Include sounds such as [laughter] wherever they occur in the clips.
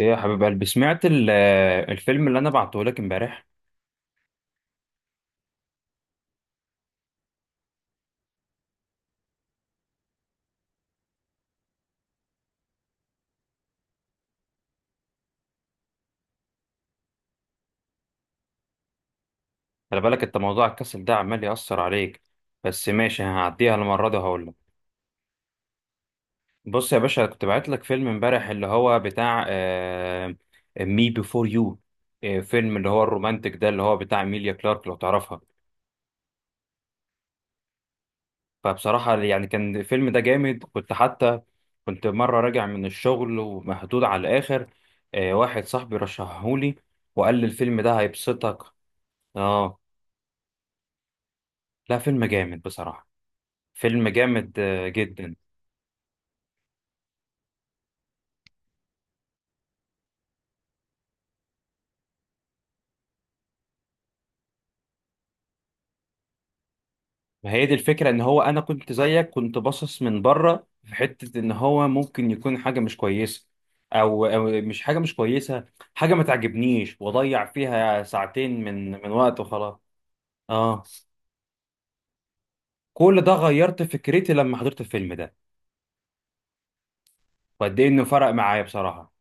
ايه يا حبيب قلبي، سمعت الفيلم اللي انا بعته لك امبارح. خلي بالك انت، موضوع الكسل ده عمال يأثر عليك، بس ماشي هعديها المره دي وهقول لك. بص يا باشا، كنت بعت لك فيلم امبارح اللي هو بتاع مي بيفور يو، فيلم اللي هو الرومانتك ده اللي هو بتاع ميليا كلارك لو تعرفها. فبصراحه يعني كان الفيلم ده جامد، كنت حتى كنت مره راجع من الشغل ومهدود على الاخر. واحد صاحبي رشحهولي وقال لي الفيلم ده هيبسطك. اه. لا فيلم جامد بصراحه، فيلم جامد جدا. هي دي الفكرة، ان هو انا كنت زيك، كنت باصص من بره في حتة ان هو ممكن يكون حاجة مش كويسة، او مش حاجة مش كويسة، حاجة ما تعجبنيش واضيع فيها ساعتين من وقت وخلاص. اه. كل ده غيرت فكرتي لما حضرت الفيلم ده، وقد ايه انه فرق معايا بصراحة.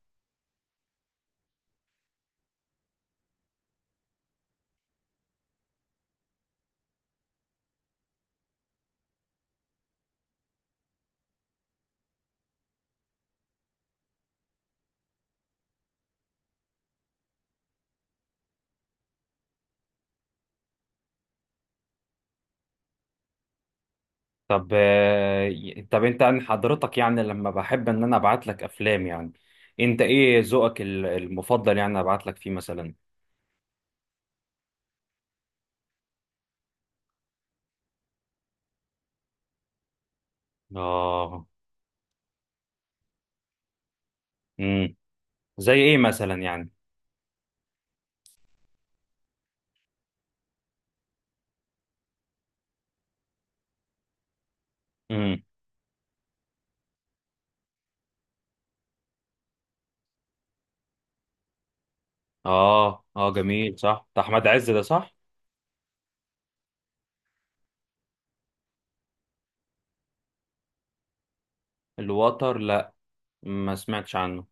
طب طب انت عن حضرتك، يعني لما بحب ان انا ابعت لك افلام يعني، انت ايه ذوقك المفضل يعني ابعت لك فيه مثلا؟ اه. زي ايه مثلا يعني؟ امم اه اه، جميل. صح، ده احمد عز ده، صح. الوتر؟ لا، ما سمعتش عنه.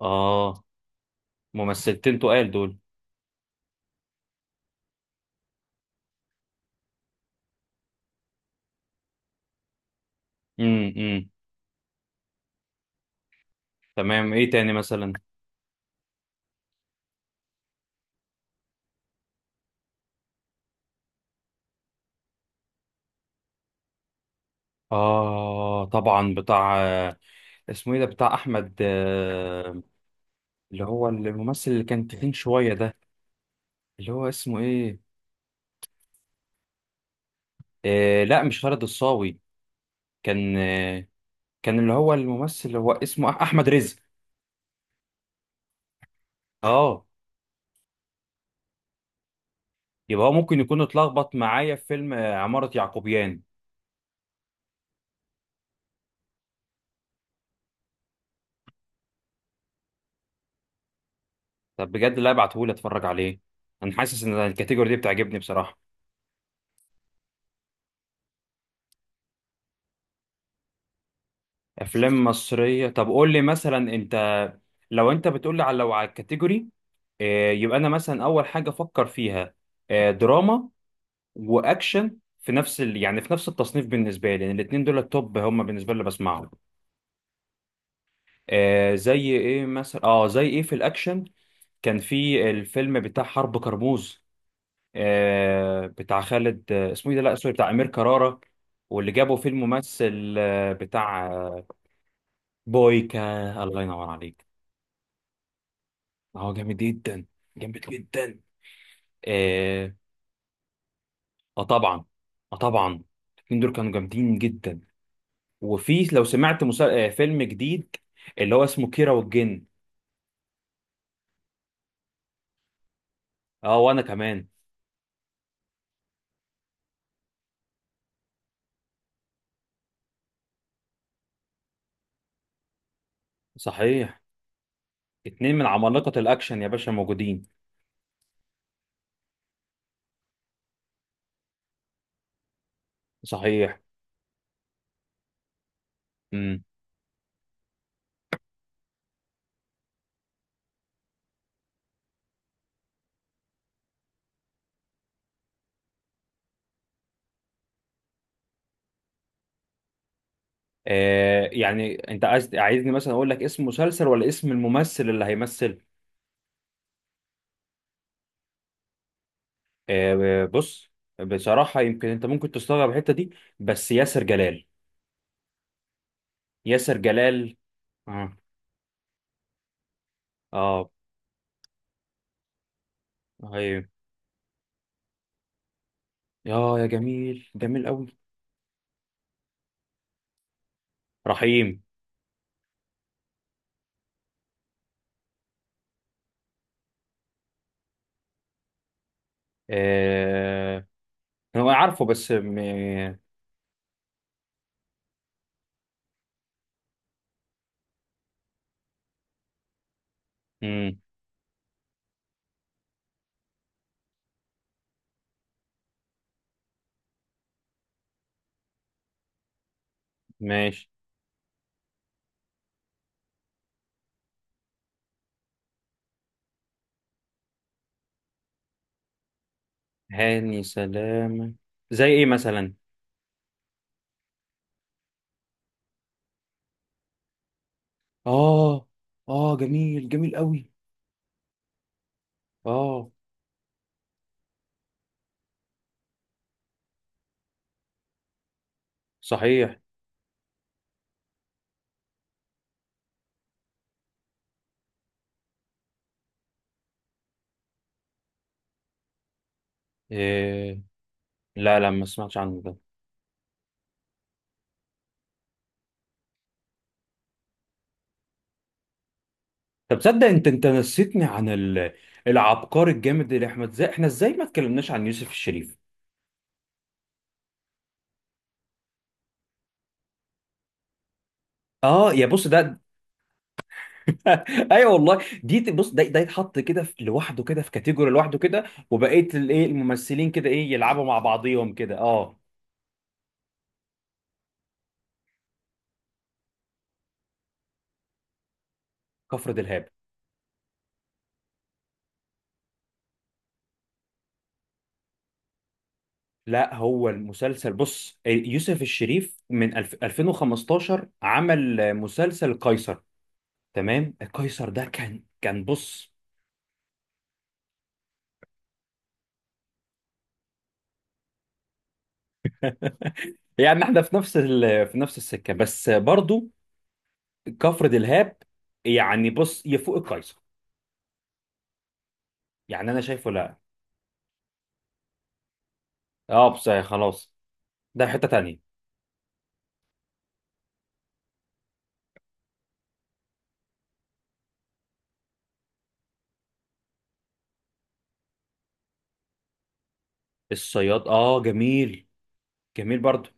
اه، ممثلتين تقال دول. امم امم تمام، ايه تاني مثلا؟ اه طبعا، بتاع اسمه ايه ده، بتاع احمد اللي هو الممثل اللي كان تخين شويه ده، اللي هو اسمه ايه؟ آه لا مش خالد الصاوي، كان كان اللي هو الممثل اللي هو اسمه احمد رزق. اه. يبقى هو ممكن يكون اتلخبط معايا في فيلم عمارة يعقوبيان. طب بجد، لا ابعتهولي اتفرج عليه. انا حاسس ان الكاتيجوري دي بتعجبني بصراحة. افلام [laughs] مصرية؟ طب قول لي مثلا انت، لو انت بتقول لي على، لو على الكاتيجوري، يبقى انا مثلا اول حاجة افكر فيها دراما واكشن في نفس يعني في نفس التصنيف بالنسبة لي، لان يعني الاتنين دول التوب هم بالنسبة لي اللي بسمعهم. زي ايه مثلا؟ اه، زي ايه في الاكشن؟ كان في الفيلم بتاع حرب كرموز، بتاع خالد اسمه ايه ده، لا سوري، بتاع امير كرارة، واللي جابوا فيه الممثل بتاع بويكا. الله ينور عليك. هو جامد جدا، جامد جدا. اه. آه طبعا، اه طبعا، الاثنين دول كانوا جامدين جدا. وفي، لو سمعت مسل... آه فيلم جديد اللي هو اسمه كيرة والجن. اه وانا كمان. صحيح. اتنين من عمالقة الاكشن يا باشا موجودين. صحيح. مم. آه يعني انت عايزني مثلا اقول لك اسم مسلسل ولا اسم الممثل اللي هيمثل؟ بص، بصراحة يمكن انت ممكن تستغرب الحتة دي، بس ياسر جلال. ياسر جلال، اه. أيوه. اه هي، يا يا جميل، جميل قوي. رحيم، آه هو عارفه بس مم، ماشي. هاني سلامة؟ زي ايه مثلا؟ اه. اه، جميل جميل قوي. اه، صحيح. آه لا لا، ما سمعتش عنه ده. طب تصدق، انت نسيتني عن العبقري الجامد اللي احمد، زي احنا ازاي ما اتكلمناش عن يوسف الشريف؟ اه يا بص ده. [laughs] ايوه والله، دي بص، ده يتحط كده لوحده كده، في كاتيجوري لوحده كده. وبقيه الايه الممثلين كده ايه، يلعبوا مع بعضيهم كده. اه. كفر دلهاب. لا، هو المسلسل بص يوسف الشريف من 2015 عمل مسلسل قيصر، تمام. قيصر ده كان بص، [laughs] يعني احنا في نفس في نفس السكه بس برضو. كفر دلهاب يعني، بص يفوق القيصر، يعني انا شايفه. لا. اه بس خلاص، ده حتة تانية. الصياد؟ اه جميل. جميل برضو،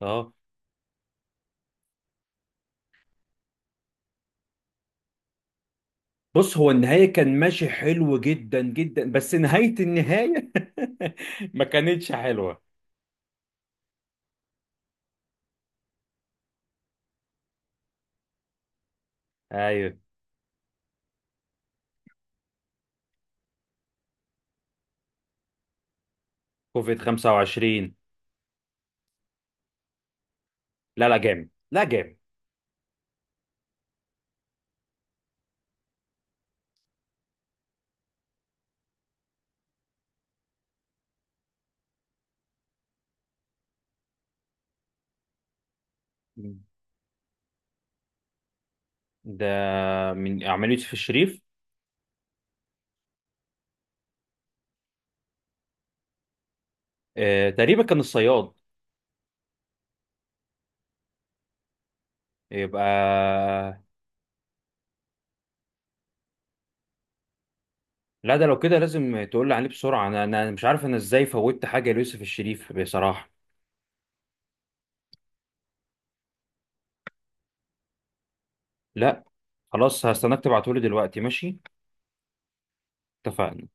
اه. بص هو النهاية كان ماشي حلو جدا جدا، بس نهاية النهاية [laughs] ما كانتش حلوة. ايوه. كوفيد 25؟ لا لا جامد، لا جامد. ده من عملية يوسف الشريف؟ آه تقريبا، كان الصياد. يبقى لا، ده لو كده لازم تقول لي عليه بسرعة. أنا مش عارف أنا إزاي فوتت حاجة ليوسف الشريف بصراحة. لا خلاص، هستناك تبعتهولي دلوقتي، ماشي. اتفقنا.